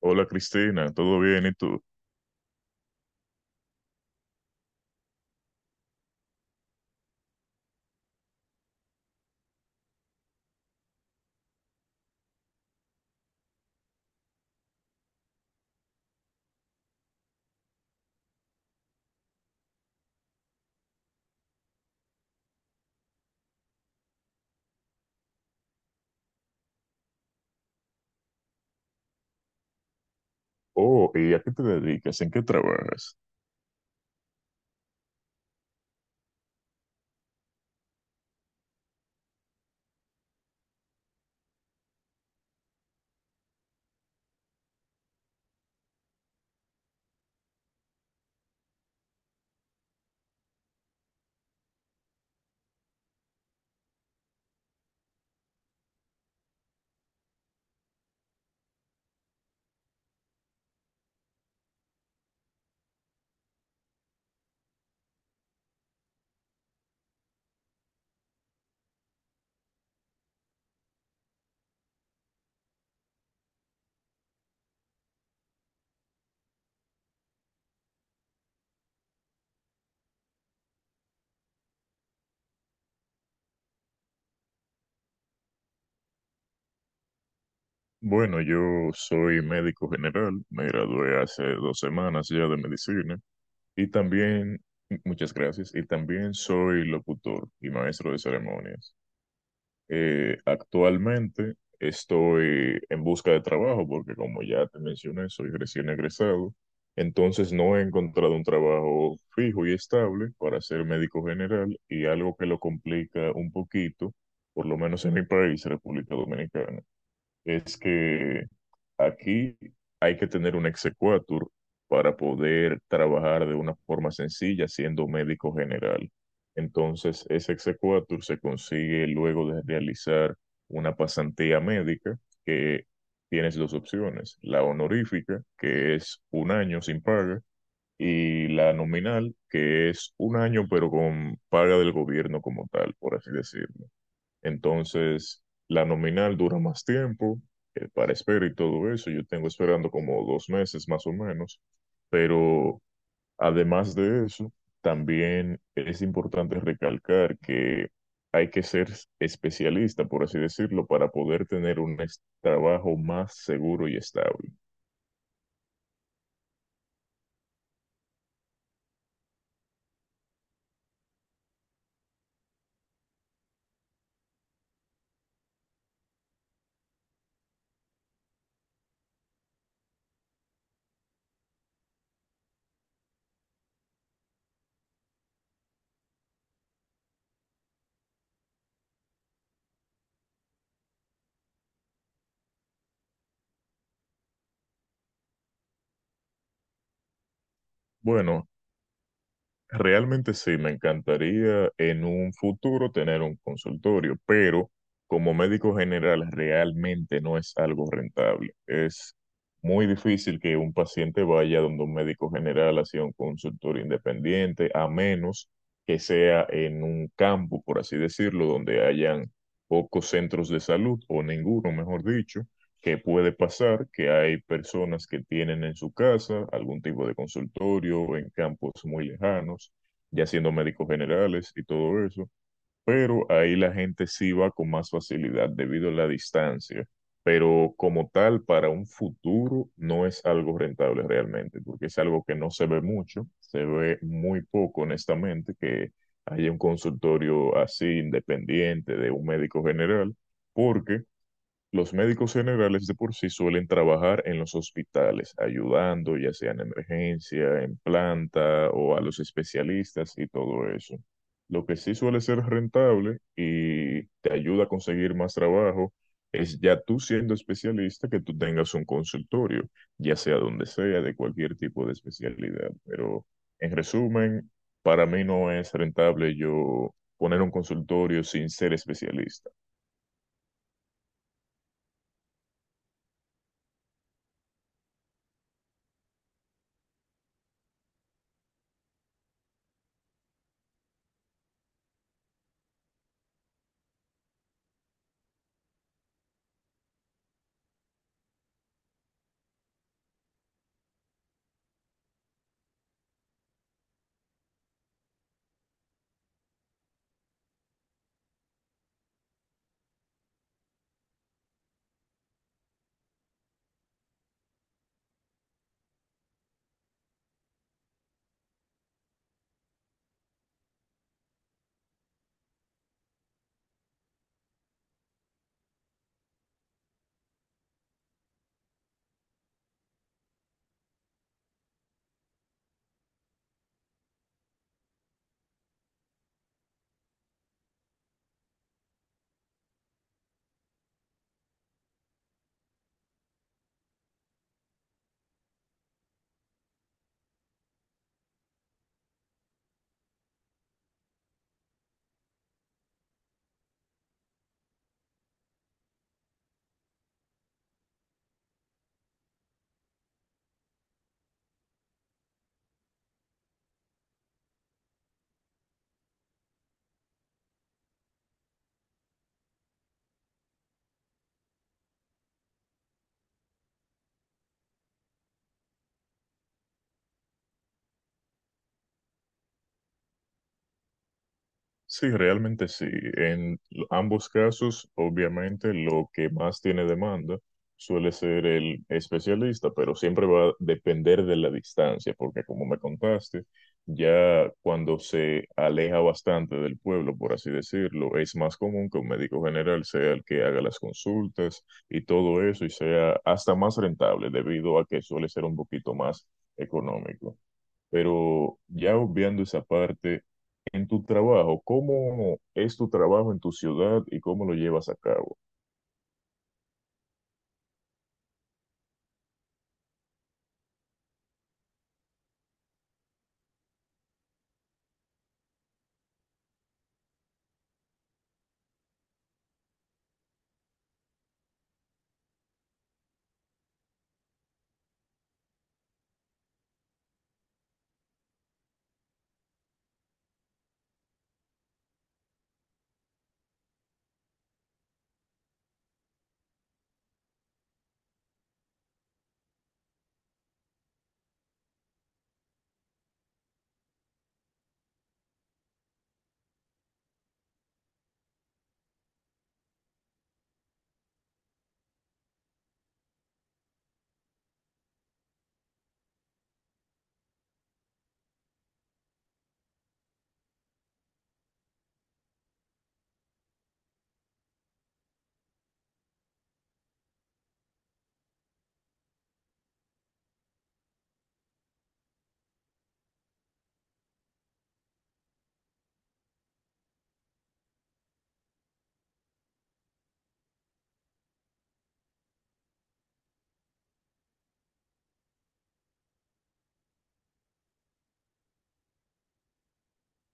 Hola Cristina, ¿todo bien? ¿Y tú? Oh, ¿y a qué te dedicas? ¿En qué trabajas? Bueno, yo soy médico general, me gradué hace 2 semanas ya de medicina y también, muchas gracias, y también soy locutor y maestro de ceremonias. Actualmente estoy en busca de trabajo porque como ya te mencioné, soy recién egresado, entonces no he encontrado un trabajo fijo y estable para ser médico general y algo que lo complica un poquito, por lo menos en mi país, República Dominicana, es que aquí hay que tener un exequatur para poder trabajar de una forma sencilla siendo médico general. Entonces, ese exequatur se consigue luego de realizar una pasantía médica que tienes dos opciones: la honorífica, que es un año sin paga, y la nominal, que es un año pero con paga del gobierno como tal, por así decirlo. Entonces, la nominal dura más tiempo para espera y todo eso. Yo tengo esperando como 2 meses más o menos. Pero además de eso, también es importante recalcar que hay que ser especialista, por así decirlo, para poder tener un trabajo más seguro y estable. Bueno, realmente sí, me encantaría en un futuro tener un consultorio, pero como médico general realmente no es algo rentable. Es muy difícil que un paciente vaya donde un médico general hacia un consultorio independiente, a menos que sea en un campo, por así decirlo, donde hayan pocos centros de salud o ninguno, mejor dicho, que puede pasar que hay personas que tienen en su casa algún tipo de consultorio en campos muy lejanos, ya siendo médicos generales y todo eso, pero ahí la gente sí va con más facilidad debido a la distancia. Pero como tal, para un futuro no es algo rentable realmente, porque es algo que no se ve mucho, se ve muy poco honestamente que haya un consultorio así independiente de un médico general, porque los médicos generales de por sí suelen trabajar en los hospitales, ayudando ya sea en emergencia, en planta o a los especialistas y todo eso. Lo que sí suele ser rentable y te ayuda a conseguir más trabajo es ya tú siendo especialista que tú tengas un consultorio, ya sea donde sea, de cualquier tipo de especialidad. Pero en resumen, para mí no es rentable yo poner un consultorio sin ser especialista. Sí, realmente sí. En ambos casos, obviamente, lo que más tiene demanda suele ser el especialista, pero siempre va a depender de la distancia, porque como me contaste, ya cuando se aleja bastante del pueblo, por así decirlo, es más común que un médico general sea el que haga las consultas y todo eso, y sea hasta más rentable debido a que suele ser un poquito más económico. Pero ya obviando esa parte, en tu trabajo, ¿cómo es tu trabajo en tu ciudad y cómo lo llevas a cabo?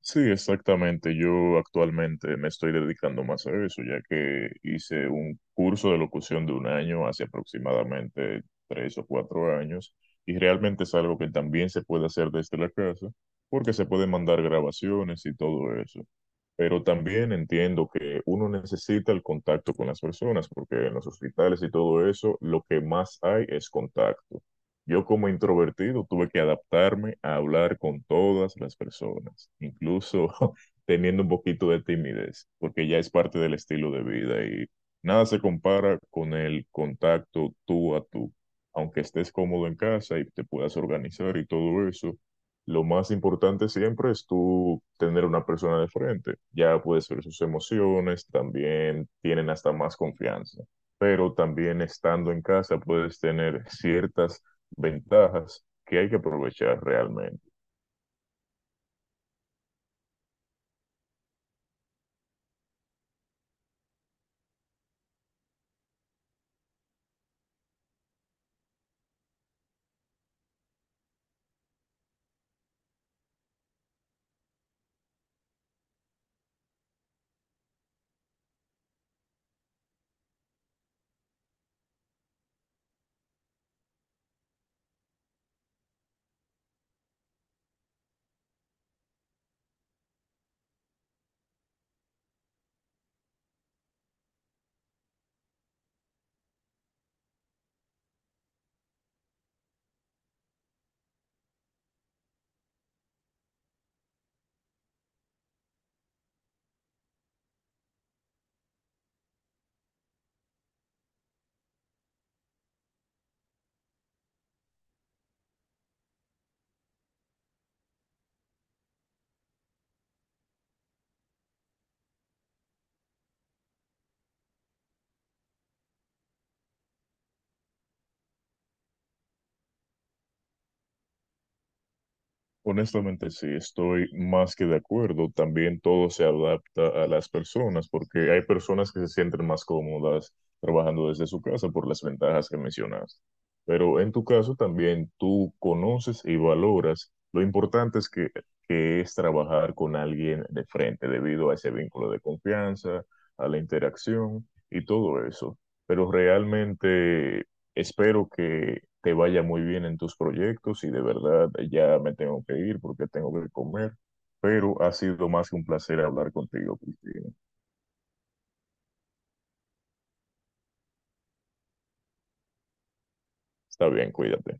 Sí, exactamente. Yo actualmente me estoy dedicando más a eso, ya que hice un curso de locución de un año hace aproximadamente 3 o 4 años, y realmente es algo que también se puede hacer desde la casa, porque se pueden mandar grabaciones y todo eso. Pero también entiendo que uno necesita el contacto con las personas, porque en los hospitales y todo eso, lo que más hay es contacto. Yo como introvertido tuve que adaptarme a hablar con todas las personas, incluso teniendo un poquito de timidez, porque ya es parte del estilo de vida y nada se compara con el contacto tú a tú. Aunque estés cómodo en casa y te puedas organizar y todo eso, lo más importante siempre es tú tener una persona de frente. Ya puedes ver sus emociones, también tienen hasta más confianza. Pero también estando en casa puedes tener ciertas ventajas que hay que aprovechar realmente. Honestamente, sí, estoy más que de acuerdo. También todo se adapta a las personas, porque hay personas que se sienten más cómodas trabajando desde su casa por las ventajas que mencionas. Pero en tu caso también tú conoces y valoras lo importante es que es trabajar con alguien de frente debido a ese vínculo de confianza, a la interacción y todo eso. Pero realmente espero que te vaya muy bien en tus proyectos y de verdad ya me tengo que ir porque tengo que comer, pero ha sido más que un placer hablar contigo, Cristina. Está bien, cuídate.